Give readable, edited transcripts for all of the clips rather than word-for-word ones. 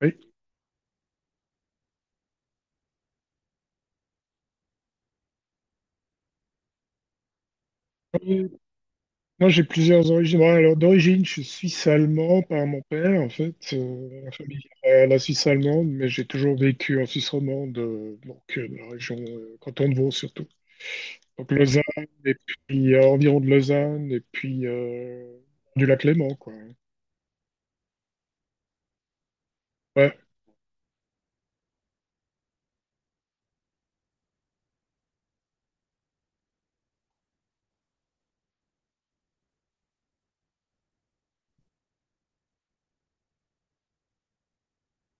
Oui. Euh, Moi, j'ai plusieurs origines. Bon, alors, d'origine, je suis suisse-allemand par mon père, en fait. La famille la Suisse allemande, mais j'ai toujours vécu en Suisse romande, donc dans la région canton de Vaud surtout. Donc Lausanne, et puis environ de Lausanne, et puis du lac Léman, quoi. Ouais,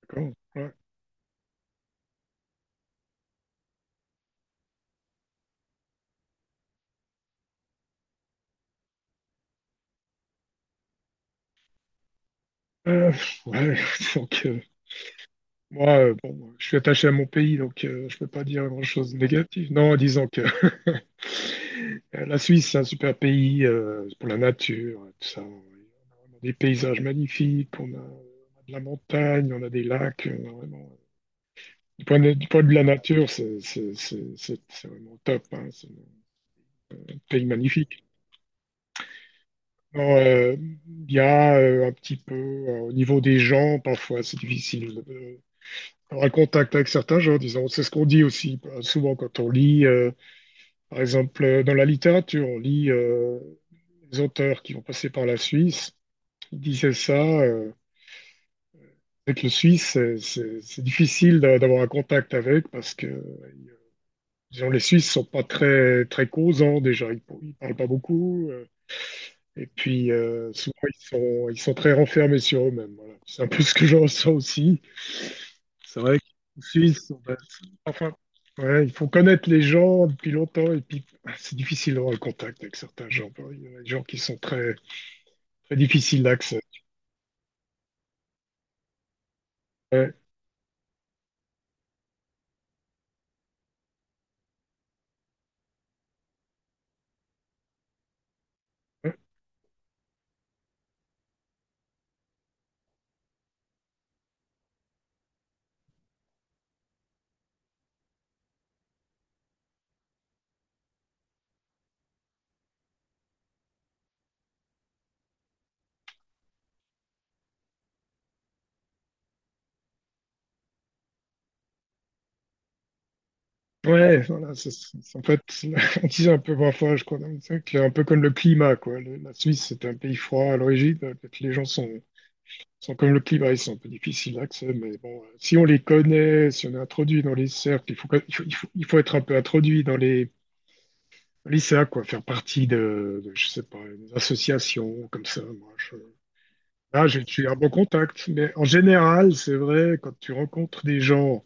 d'accord. Ouais. Euh, ouais, donc, moi, bon, je suis attaché à mon pays, donc je peux pas dire grand-chose de négatif. Non, disons que la Suisse, c'est un super pays pour la nature, tout ça. On a vraiment des paysages magnifiques, on a de la montagne, on a des lacs. On a vraiment, du point de vue de la nature, c'est vraiment top, hein. C'est un pays magnifique. Non, il y a un petit peu, au niveau des gens, parfois c'est difficile. Avoir un contact avec certains gens, disons. C'est ce qu'on dit aussi, bah, souvent quand on lit, par exemple, dans la littérature, on lit les auteurs qui vont passer par la Suisse. Ils disaient ça, euh, avec le Suisse, c'est difficile d'avoir un contact avec, parce que, disons, les Suisses sont pas très, très causants déjà, ils parlent pas beaucoup. Et puis, souvent, ils sont très renfermés sur eux-mêmes, voilà. C'est un peu ce que je ressens aussi. C'est vrai qu'en Suisse, enfin, ouais, il faut connaître les gens depuis longtemps et puis, ah, c'est difficile d'avoir le contact avec certains gens. Il y a des gens qui sont très, très difficiles d'accès. Ouais, ouais, voilà, en fait, on disait un peu parfois, je crois, c'est un peu comme le climat, quoi. La Suisse, c'est un pays froid à l'origine. Peut-être les gens sont comme le climat, ils sont un peu difficiles d'accès, mais bon, si on les connaît, si on est introduit dans les cercles, il faut être un peu introduit dans les. Le lycéa, quoi, faire partie de, je sais pas, une association comme ça. Là, j'ai un bon contact. Mais en général, c'est vrai, quand tu rencontres des gens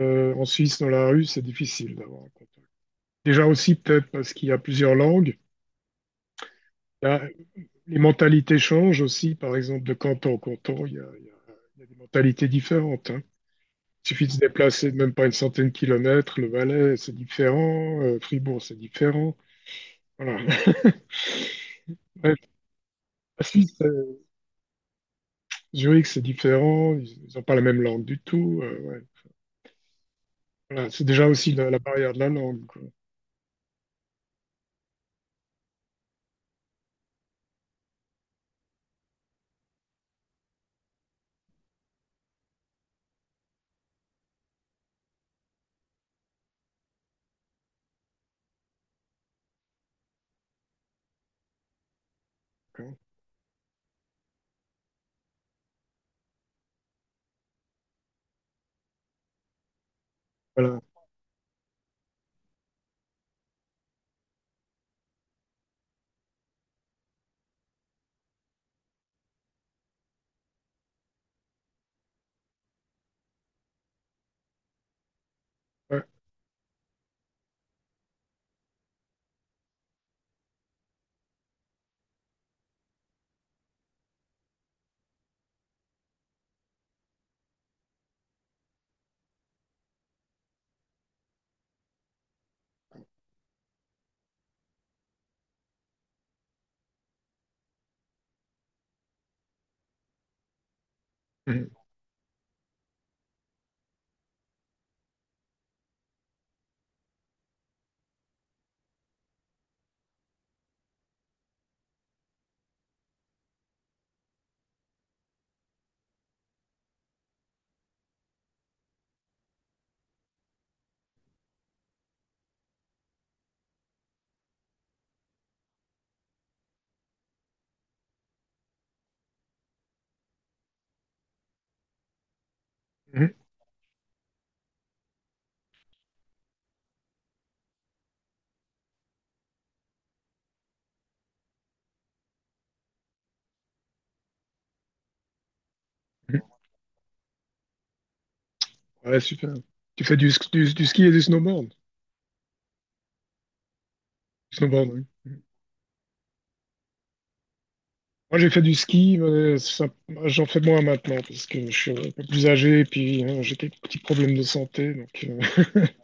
en Suisse dans la rue, c'est difficile d'avoir un contact. Déjà aussi, peut-être parce qu'il y a plusieurs langues. Là, les mentalités changent aussi, par exemple, de canton en canton, il y a, il y a- il y a des mentalités différentes, hein. Il suffit de se déplacer de même pas une centaine de kilomètres. Le Valais, c'est différent. Fribourg, c'est différent. Voilà. Ouais, la Suisse, Zurich, c'est différent, ils n'ont pas la même langue du tout. Ouais. Voilà, c'est déjà aussi la barrière de la langue, quoi. Quand- Voilà. Ouais. Mhm. Mhm. Mhm. Ouais, super. Tu fais du ski et du snowboard. Du snowboard, oui. Moi, j'ai fait du ski, mais j'en fais moins maintenant parce que je suis un peu plus âgé et puis, hein, j'ai des petits problèmes de santé. Donc,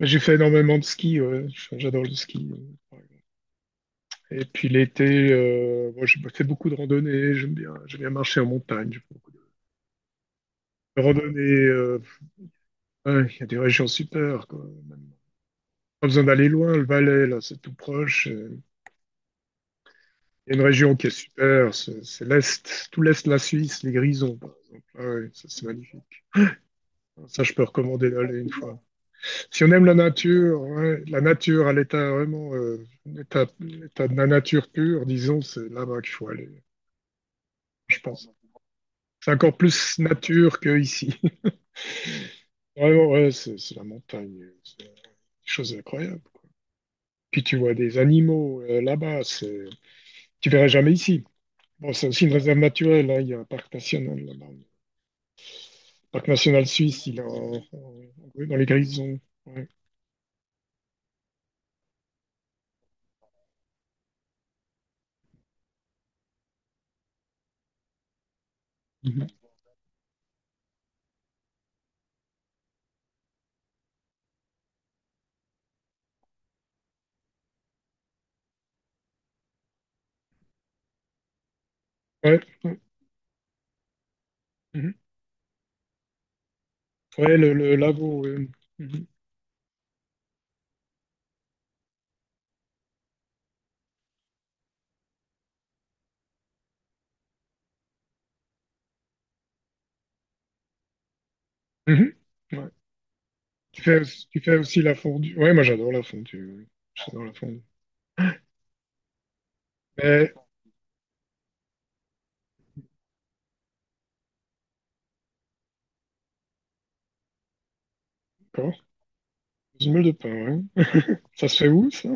mais j'ai fait énormément de ski, ouais. Enfin, j'adore le ski, par exemple. Et puis l'été, moi, j'ai fait beaucoup de randonnées. J'aime bien marcher en montagne. J'ai fait beaucoup de randonnées, ouais, il y a des régions super, quoi. Même pas besoin d'aller loin, le Valais, là, c'est tout proche. Il y a une région qui est super, c'est l'Est, tout l'Est de la Suisse, les Grisons, par exemple. Ah ouais, ça, c'est magnifique. Ça, je peux recommander d'aller une fois. Si on aime la nature, ouais, la nature à l'état vraiment, l'état de la nature pure, disons, c'est là-bas qu'il faut aller, je pense. C'est encore plus nature que ici. Vraiment, ouais, c'est la montagne. C'est des choses incroyables, quoi. Puis tu vois des animaux là-bas, c'est. Tu verras jamais ici. Bon, c'est aussi une réserve naturelle, hein. Il y a un parc national là-bas. Le Parc national suisse, il est en- ouais, dans les Grisons. Ouais. Mhm. Ouais, ouais. Mhm. Ouais, le lago, ouais. Mhm. Mhm. Ouais. Tu fais aussi la fondue. Ouais, moi j'adore la fondue, ouais. J'adore la fondue. Mais, d'accord, une meule de pain, ouais. Ça se fait où, ça?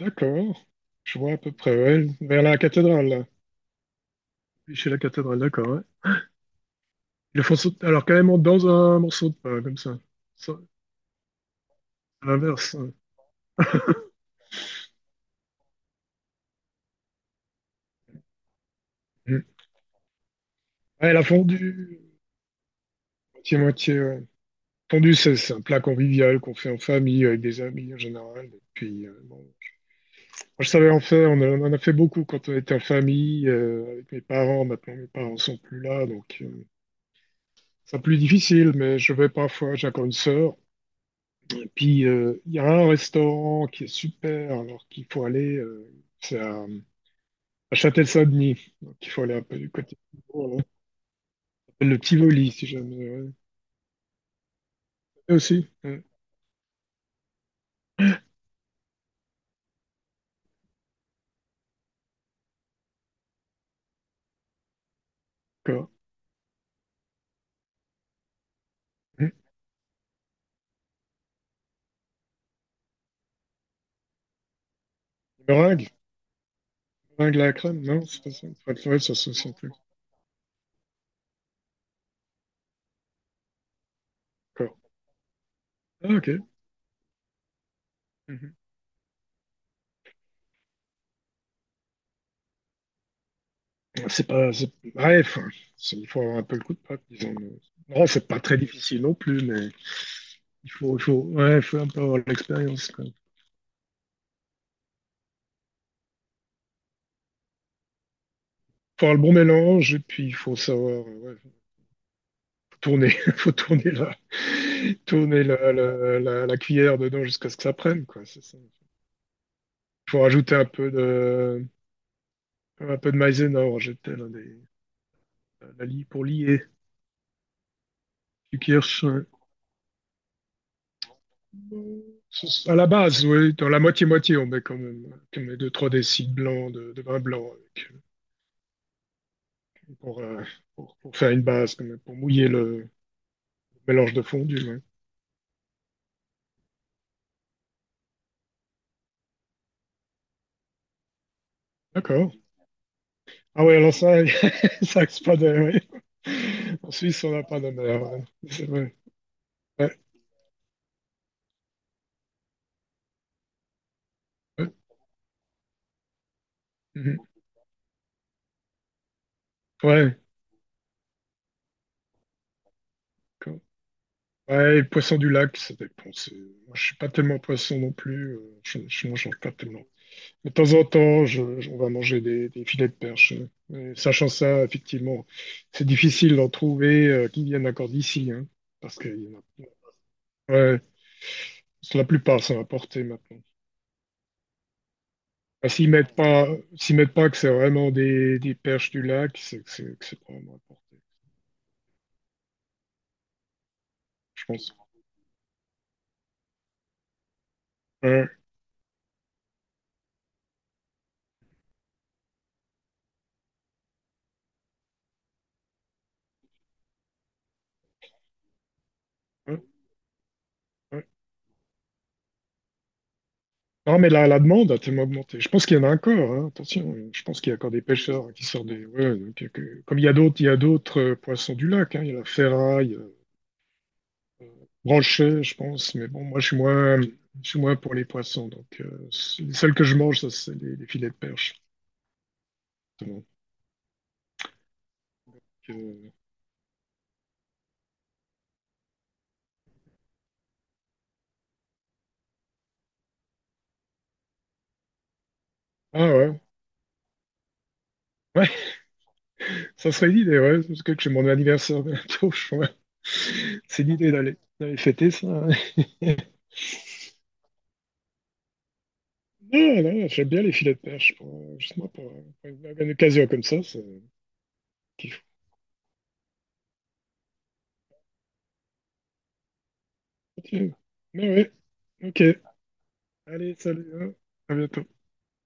D'accord. Je vois à peu près, ouais. Vers la cathédrale, là. Oui, chez la cathédrale, d'accord, ouais. Ils le font sauter, alors carrément dans un morceau de pain, comme ça. Ça, à l'inverse. Mm. Ouais, la fondue, moitié-moitié, ouais. Fondue, c'est un plat convivial qu'on fait en famille, avec des amis en général. Et puis, bon. Moi, je savais en faire, on en a fait beaucoup quand on était en famille, avec mes parents. Maintenant, mes parents sont plus là, donc c'est plus difficile, mais je vais parfois, j'ai encore une sœur. Et puis, il y a un restaurant qui est super, alors qu'il faut aller, c'est à, Châtel-Saint-Denis, donc il faut aller un peu du côté. Du Le Tivoli, si jamais, ouais. Et aussi, ouais, d'accord. Meringue? Vaincre la crème? Non, c'est pas ça. Faut être loin de sa société. D'accord. Ah, ok. Mhm. C'est pas. C'est- Ouais, il faut avoir un peu le coup de patte, disons. Non, c'est pas très difficile non plus, mais ouais, il faut un peu avoir l'expérience, quoi. Faut avoir le bon mélange, et puis il faut savoir, ouais, faut tourner, faut tourner la cuillère dedans jusqu'à ce que ça prenne, quoi. C'est ça. Il faut rajouter un peu de maïzena, pour lier, du kirsch. À la base, oui, dans la moitié-moitié, on met quand même, on met deux, trois décis de blanc, de vin blanc avec, pour, euh, pour faire une base, quand même, pour mouiller le mélange de fondu, ouais. D'accord. Ah oui, alors ça, ça c'est pas de, ouais. En Suisse, on n'a pas de mer, ouais. C'est vrai. Ouais, ouais. Mhm. Ouais, d'accord. Ouais, et poisson du lac, ça dépend. Moi, je suis pas tellement poisson non plus. Je ne mange pas tellement. De temps en temps, on va manger des filets de perche. Mais sachant ça, effectivement, c'est difficile d'en trouver qui viennent encore d'ici, hein, parce que ouais, c'est la plupart sont importés maintenant. Ah, s'ils mettent pas que c'est vraiment des perches du lac, c'est que c'est probablement importé, je pense. Ouais, ouais, ouais. Non, mais la demande a tellement augmenté. Je pense qu'il y en a encore, hein, attention. Je pense qu'il y a encore des pêcheurs qui sortent des, ouais. Comme il y a d'autres, poissons du lac, hein. Il y a la ferraille. Branché, je pense, mais bon, moi, je suis moins pour les poissons. Donc, les seuls que je mange, ça, c'est les filets de perche, justement. Donc, ah ouais, ouais, ça serait une idée, ouais, parce que j'ai mon anniversaire bientôt, je crois. C'est l'idée d'aller fêter ça, hein. Non, non, j'aime bien les filets de perche, pour, justement, pour une occasion comme ça, c'est kiff. Ok. Mais ouais, ouais, ok. Allez, salut, hein. À bientôt.